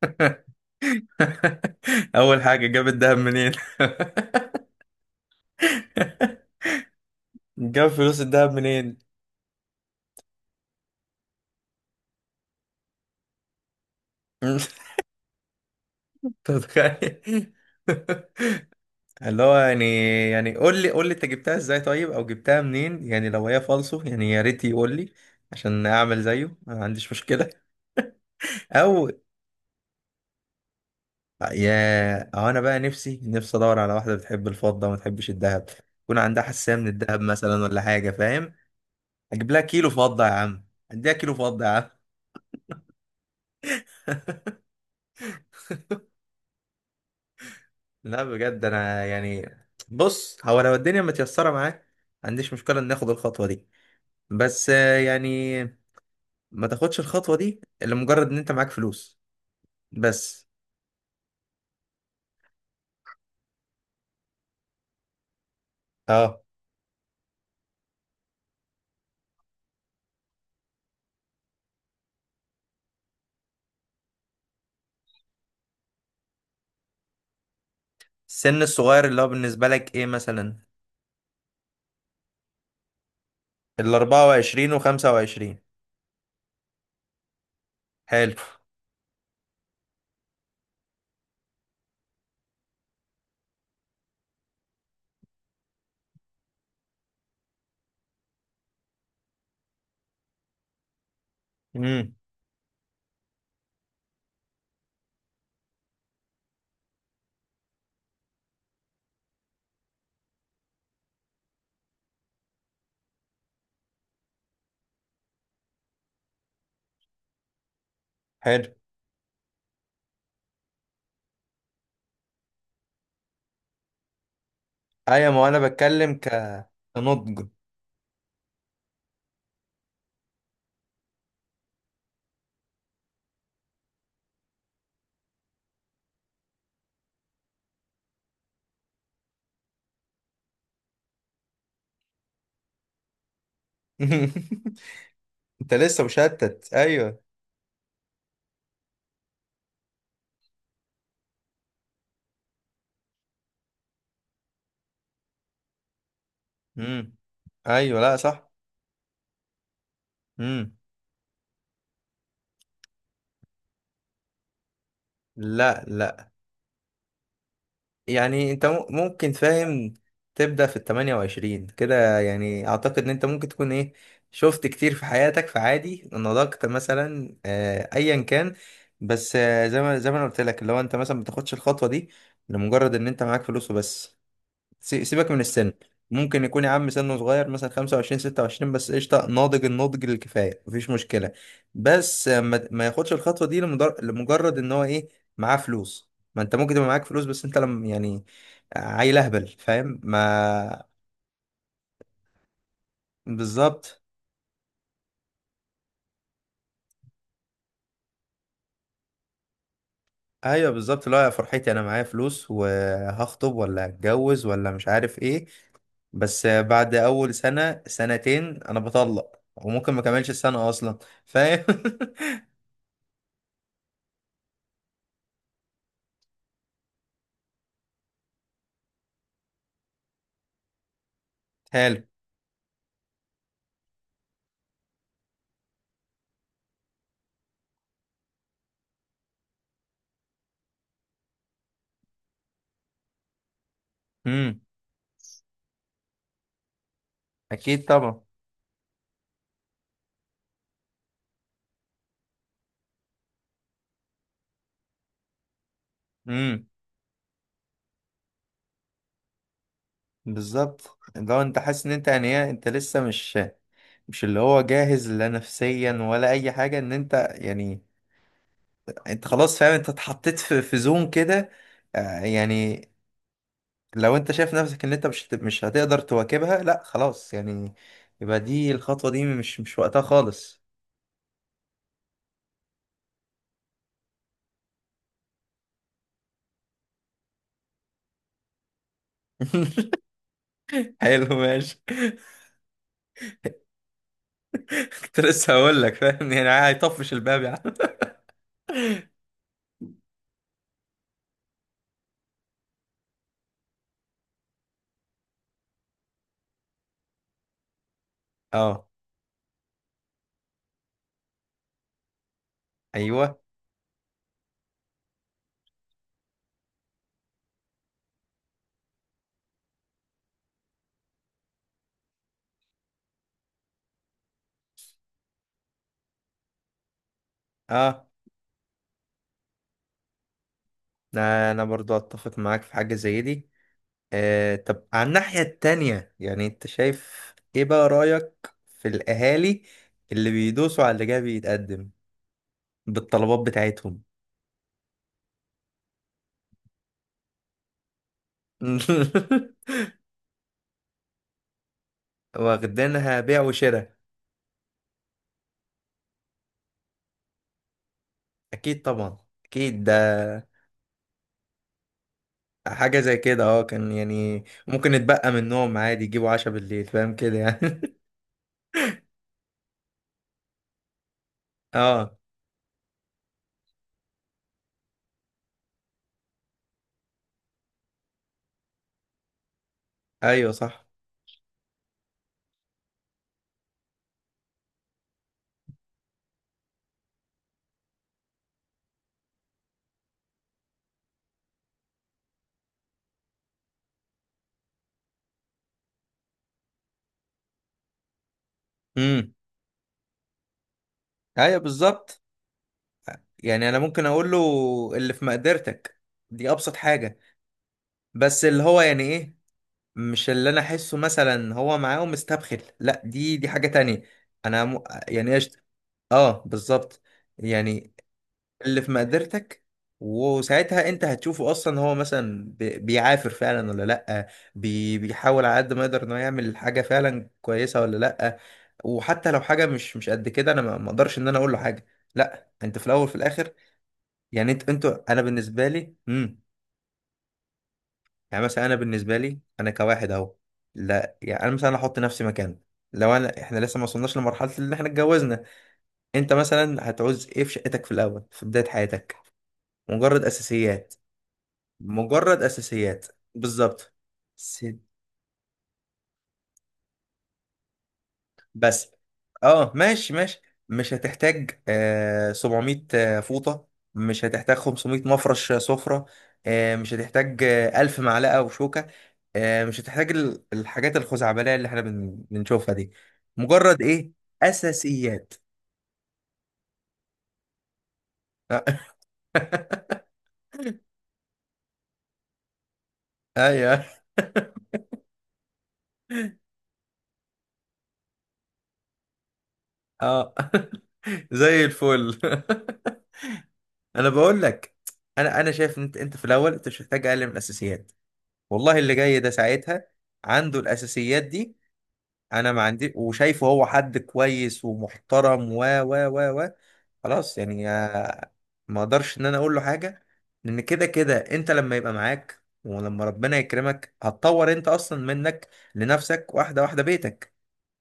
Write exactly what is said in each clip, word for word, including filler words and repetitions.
اول حاجه جاب الدهب منين؟ جاب فلوس الدهب منين؟ تتخيل، اللي هو يعني يعني قول لي قول لي انت جبتها ازاي طيب، او جبتها منين، يعني لو هي فالصو، يعني يا ريت يقول لي عشان اعمل زيه، ما عنديش مشكله. او يا او انا بقى نفسي نفسي ادور على واحده بتحب الفضه وما تحبش الذهب، يكون عندها حساسيه من الذهب مثلا ولا حاجه، فاهم. اجيب لها كيلو فضه يا عم، اديها كيلو فضه يا عم. لا بجد انا يعني، بص هو لو الدنيا متيسره معاه ما عنديش مشكله ان ناخد الخطوه دي، بس آه، يعني، ما تاخدش الخطوه دي الا مجرد ان انت معاك فلوس. بس. اه. السن الصغير اللي هو بالنسبه لك ايه مثلا؟ ال اربع وعشرين و خمسة وعشرين. حلو. امم. حلو. ايوه، ما هو انا بتكلم ك كنضج. انت لسه مشتت، ايوه. امم. ايوه، لا صح. امم. لا لا، يعني انت مم- ممكن فاهم، تبدأ في التمانية وعشرين كده، يعني اعتقد ان انت ممكن تكون ايه، شفت كتير في حياتك فعادي نضجت مثلا، آه، ايا كان. بس آه، زي ما زي ما انا قلت لك، اللي هو انت مثلا ما بتاخدش الخطوة دي لمجرد ان انت معاك فلوس وبس. سي- سيبك من السن. ممكن يكون يا عم سنه صغير مثلا خمسة وعشرين ستة وعشرين، بس قشطه ناضج، النضج الكفايه، مفيش مشكله. بس ما, ما ياخدش الخطوه دي لمدر- لمجرد ان هو ايه، معاه فلوس. ما انت ممكن تبقى معاك فلوس، بس انت لم يعني عيل اهبل، فاهم ما. بالظبط. ايوه، بالظبط. لا يا فرحتي، انا معايا فلوس وهخطب، ولا هتجوز ولا مش عارف ايه، بس بعد اول سنه سنتين انا بطلق، وممكن ما كملش السنه اصلا. فاهم. حلو. امم. اكيد طبعا. امم. بالظبط، لو انت حاسس ان انت يعني إيه، انت لسه مش مش اللي هو جاهز لا نفسيا ولا اي حاجه، ان انت يعني، انت خلاص فاهم، انت اتحطيت في في زون كده، آه، يعني لو انت شايف نفسك ان انت مش هت- مش هتقدر تواكبها لا خلاص يعني، يبقى دي الخطوه دي مش مش وقتها خالص. حلو، ماشي. كنت لسه هقول لك، فاهم يعني، هيطفش الباب يعني. اه. ايوه. اه. انا أنا برضو اتفق معاك في حاجة زي دي. آه، طب على الناحية التانية، يعني انت شايف ايه بقى رأيك في الاهالي اللي بيدوسوا على اللي جاي بيتقدم بالطلبات بتاعتهم؟ واخدينها بيع وشراء. اكيد طبعا. اكيد ده حاجة زي كده، اه كان يعني ممكن يتبقى منهم عادي يجيبوا عشاء بالليل، فاهم كده يعني. اه. ايوه صح. امم. ايوه، بالظبط. يعني انا ممكن اقول له: اللي في مقدرتك. دي ابسط حاجة. بس اللي هو يعني ايه، مش اللي انا احسه مثلا هو معاه ومستبخل، لا دي دي حاجة تانية. انا م... يعني قشطة. اه، بالظبط. يعني اللي في مقدرتك، وساعتها انت هتشوفه اصلا هو مثلا بي- بيعافر فعلا ولا لا، بي... بيحاول على قد ما يقدر انه يعمل حاجة فعلا كويسة ولا لا، وحتى لو حاجة مش مش قد كده، انا ما ما اقدرش ان انا اقول له حاجة، لا انت في الاول في الاخر. يعني انت انتوا، انا بالنسبة لي، يعني مثلا انا بالنسبه لي انا كواحد اهو. لا يعني انا مثلا احط نفسي مكانك، لو انا احنا لسه ما وصلناش لمرحله اللي احنا اتجوزنا. انت مثلا هتعوز ايه في شقتك في الاول في بدايه حياتك؟ مجرد اساسيات. مجرد اساسيات. بالظبط. بس، اه، ماشي ماشي. مش هتحتاج آه سبعمية آه، فوطة. مش هتحتاج خمسمئة مفرش آه، سفرة. آه مش هتحتاج آه الف معلقة وشوكة. آه مش هتحتاج ال- الحاجات الخزعبلية اللي احنا بن- بنشوفها دي. مجرد ايه، أساسيات. آه. ايوه، اه. زي الفل. انا بقول لك، انا انا شايف ان انت انت في الاول انت مش محتاج اقل من الاساسيات. والله اللي جاي ده ساعتها عنده الاساسيات دي، انا ما عندي، وشايفه هو حد كويس ومحترم و و و و خلاص يعني، آه، ما اقدرش ان انا اقول له حاجه، لان كده كده انت لما يبقى معاك ولما ربنا يكرمك هتطور انت اصلا منك لنفسك، واحده واحده بيتك.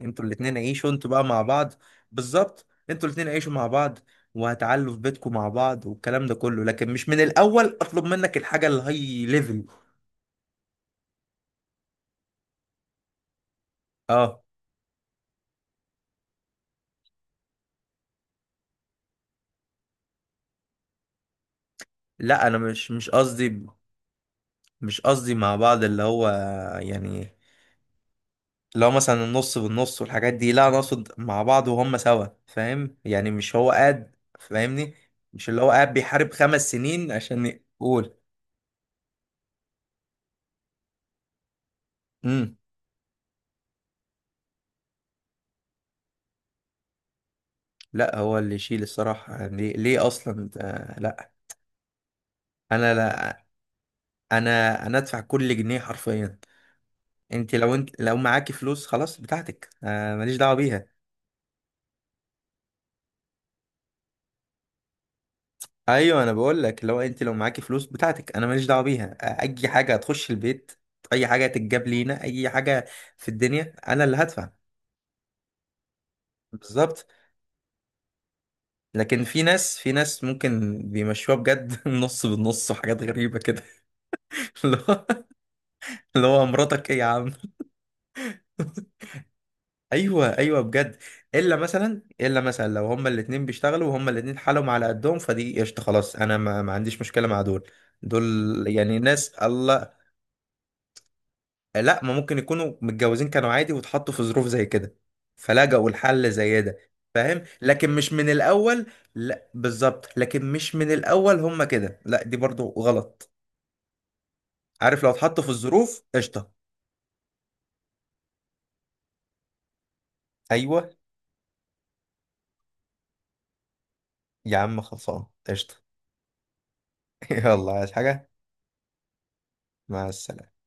انتوا الاتنين عيشوا، انتوا بقى مع بعض. بالظبط، انتوا الاتنين عيشوا مع بعض وهتعلوا في بيتكم مع بعض والكلام ده كله، لكن مش من الاول اطلب منك الحاجه الهاي ليفل. اه. لا، انا مش مش قصدي مش قصدي مع بعض اللي هو يعني، لو مثلا النص بالنص والحاجات دي، لا انا اقصد مع بعض وهم سوا، فاهم يعني، مش هو قاعد فاهمني. مش اللي هو قاعد بيحارب خمس سنين عشان يقول. امم. لا، هو اللي يشيل الصراحة، يعني ليه, ليه اصلا ده. لا انا لا انا انا ادفع كل جنيه حرفيا. انت لو انت لو معاكي فلوس خلاص بتاعتك، آه ماليش دعوة بيها. ايوه انا بقول لك، لو انت لو معاكي فلوس بتاعتك انا ماليش دعوة بيها، آه، اي حاجة هتخش البيت، اي حاجة هتتجاب لينا، اي حاجة في الدنيا انا اللي هدفع. بالظبط. لكن في ناس في ناس ممكن بيمشوها بجد. نص بالنص، وحاجات غريبة كده. اللي هو اللي هو مراتك ايه يا عم؟ ايوه، ايوه، بجد. الا مثلا الا مثلا لو هما الاتنين بيشتغلوا وهما الاتنين حالهم على قدهم، فدي قشطه، خلاص، انا ما, ما عنديش مشكله مع دول. دول يعني ناس الله، لا ما ممكن يكونوا متجوزين كانوا عادي واتحطوا في ظروف زي كده، فلجأوا لحل زي ده. فاهم، لكن مش من الاول. لا بالظبط، لكن مش من الاول هما كده، لا دي برضو غلط. عارف، لو اتحط في الظروف قشطه. ايوه. يا عم خلصان قشطه. يلا، عايز حاجه؟ مع السلامه.